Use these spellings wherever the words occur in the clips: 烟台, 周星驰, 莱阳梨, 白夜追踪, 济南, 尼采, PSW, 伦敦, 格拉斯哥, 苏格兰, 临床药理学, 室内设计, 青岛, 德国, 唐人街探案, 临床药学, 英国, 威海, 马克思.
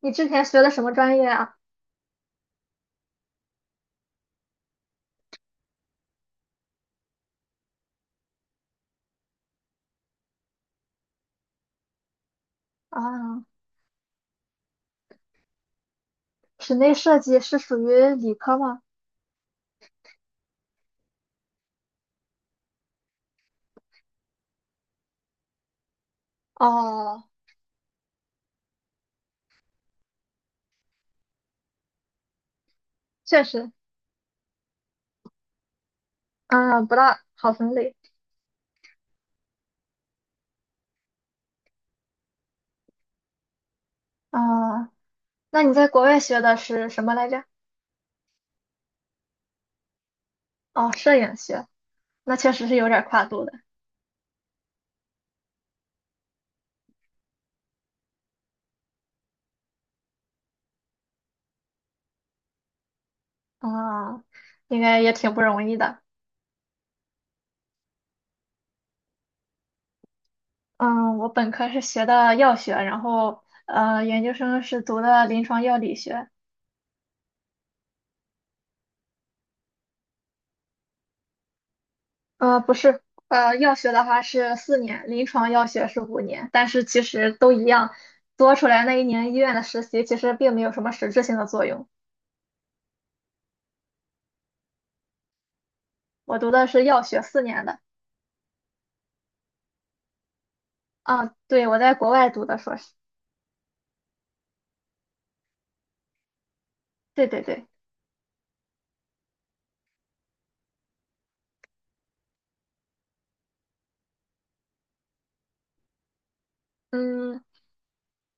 你之前学的什么专业啊？啊，室内设计是属于理科吗？哦，确实，嗯，不大好分类。啊，那你在国外学的是什么来着？哦，摄影学，那确实是有点跨度的。啊，应该也挺不容易的。嗯，我本科是学的药学，然后研究生是读的临床药理学。不是，药学的话是四年，临床药学是5年，但是其实都一样，多出来那一年医院的实习其实并没有什么实质性的作用。我读的是药学四年的，啊，对，我在国外读的硕士，对对对，嗯，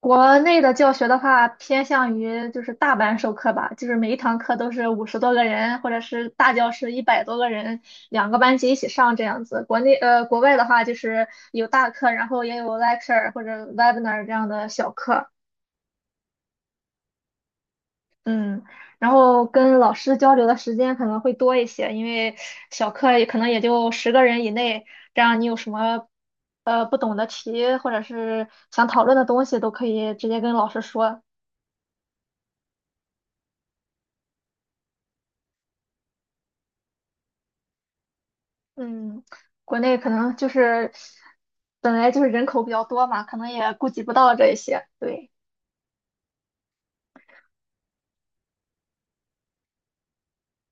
国内的教学的话，偏向于就是大班授课吧，就是每一堂课都是50多个人，或者是大教室100多个人，两个班级一起上这样子。国外的话就是有大课，然后也有 lecture 或者 webinar 这样的小课，嗯，然后跟老师交流的时间可能会多一些，因为小课也可能也就10个人以内，这样你有什么不懂的题或者是想讨论的东西，都可以直接跟老师说。嗯，国内可能就是本来就是人口比较多嘛，可能也顾及不到这一些。对，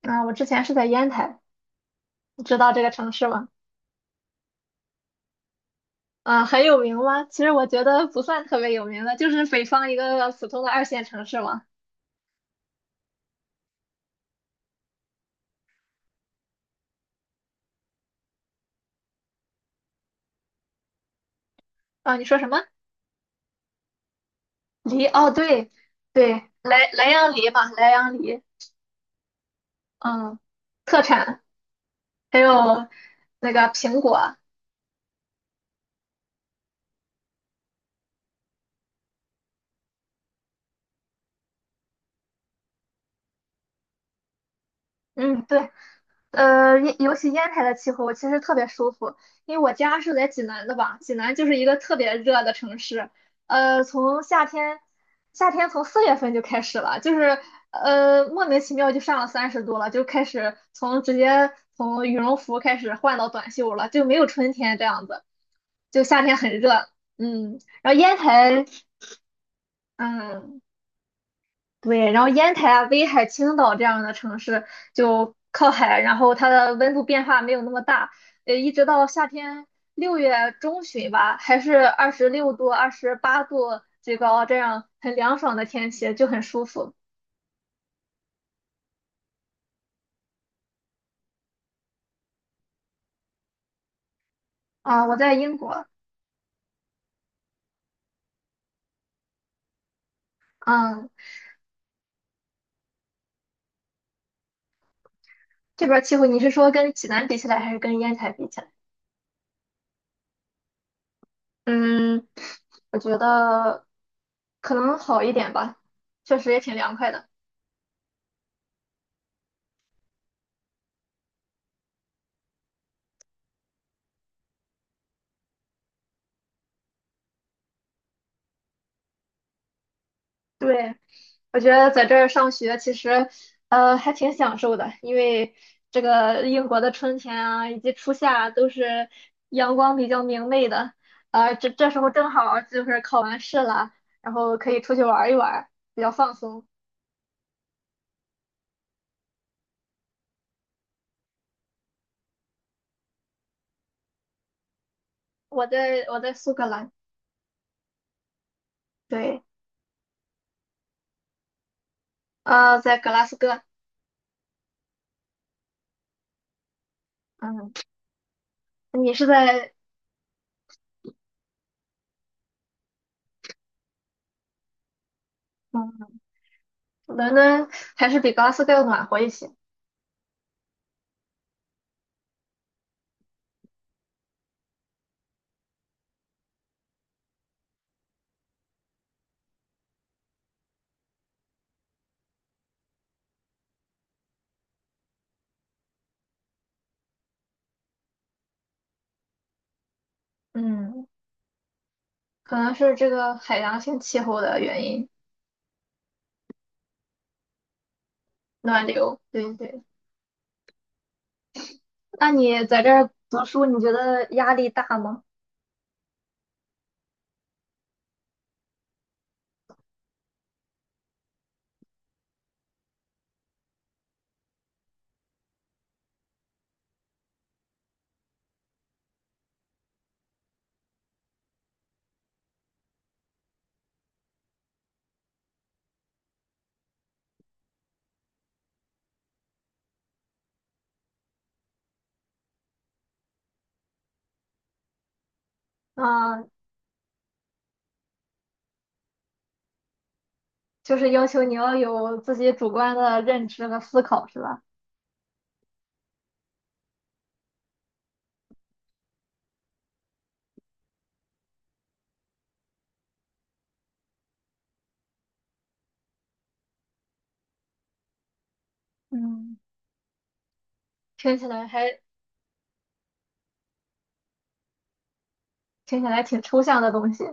啊，我之前是在烟台，你知道这个城市吗？啊，很有名吗？其实我觉得不算特别有名的，就是北方一个普通的二线城市嘛。啊，你说什么？梨？哦，对对，莱阳梨嘛，莱阳梨，嗯，特产，还有那个苹果，嗯，对。尤其烟台的气候其实特别舒服，因为我家是在济南的吧，济南就是一个特别热的城市。呃，从夏天，夏天从4月份就开始了，就是莫名其妙就上了30度了，就开始从直接从羽绒服开始换到短袖了，就没有春天这样子，就夏天很热。嗯，然后烟台，嗯，对，然后烟台啊、威海、青岛这样的城市就靠海，然后它的温度变化没有那么大，一直到夏天6月中旬吧，还是26度、28度最高，这样很凉爽的天气就很舒服啊。我在英国，嗯，这边儿气候你是说跟济南比起来，还是跟烟台比起来？嗯，我觉得可能好一点吧，确实也挺凉快的。对，我觉得在这儿上学其实，还挺享受的，因为这个英国的春天啊，以及初夏啊都是阳光比较明媚的，啊，这时候正好儿就是考完试了，然后可以出去玩儿一玩儿比较放松。我在苏格兰，对，在格拉斯哥，嗯，你是在嗯伦敦，还是比格拉斯哥要暖和一些？嗯，可能是这个海洋性气候的原因，暖流，对对。那你在这儿读书，你觉得压力大吗？啊，就是要求你要有自己主观的认知和思考，是吧？嗯，听起来还听起来挺抽象的东西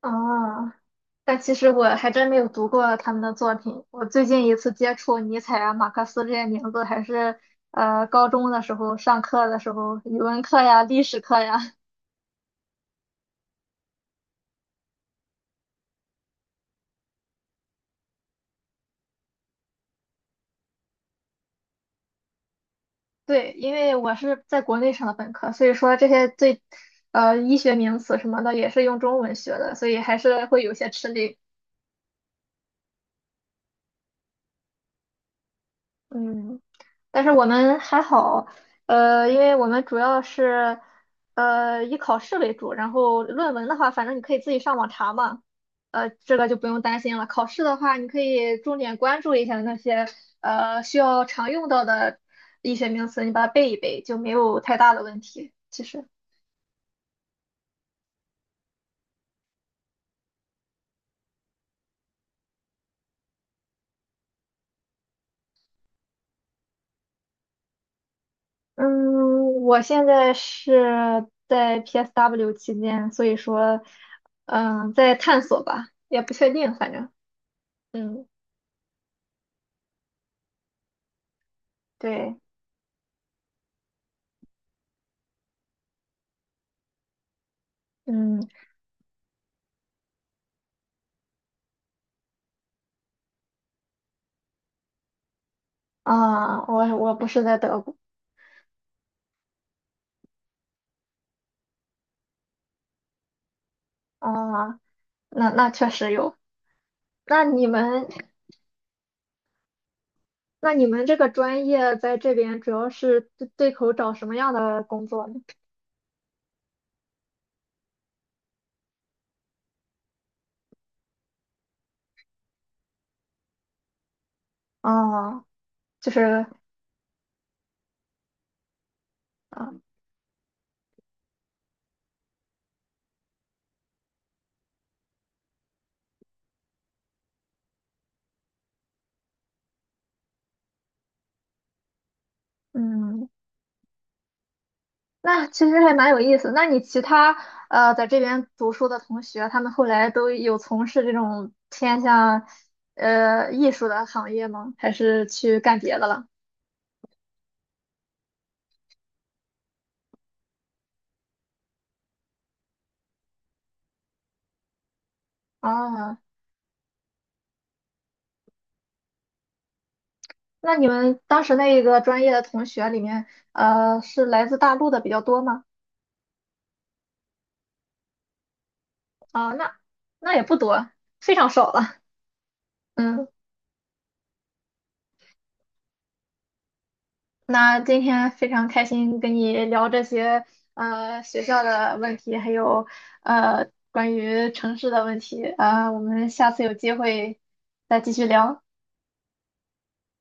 啊。但其实我还真没有读过他们的作品。我最近一次接触尼采啊、马克思这些名字，还是高中的时候上课的时候，语文课呀、历史课呀对，因为我是在国内上的本科，所以说这些最，医学名词什么的也是用中文学的，所以还是会有些吃力。嗯，但是我们还好，因为我们主要是，以考试为主，然后论文的话，反正你可以自己上网查嘛，这个就不用担心了。考试的话，你可以重点关注一下那些，需要常用到的医学名词，你把它背一背，就没有太大的问题，其实。嗯，我现在是在 PSW 期间，所以说，嗯，在探索吧，也不确定，反正，嗯，对，嗯，啊，我不是在德国，啊，那确实有。那你们，那你们这个专业在这边主要是对口找什么样的工作呢？啊，就是，啊，嗯，那其实还蛮有意思。那你其他在这边读书的同学，他们后来都有从事这种偏向艺术的行业吗？还是去干别的了？啊，那你们当时那一个专业的同学里面，是来自大陆的比较多吗？啊，那也不多，非常少了。嗯。那今天非常开心跟你聊这些学校的问题，还有关于城市的问题啊，我们下次有机会再继续聊。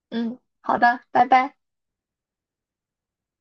嗯，好的，拜拜。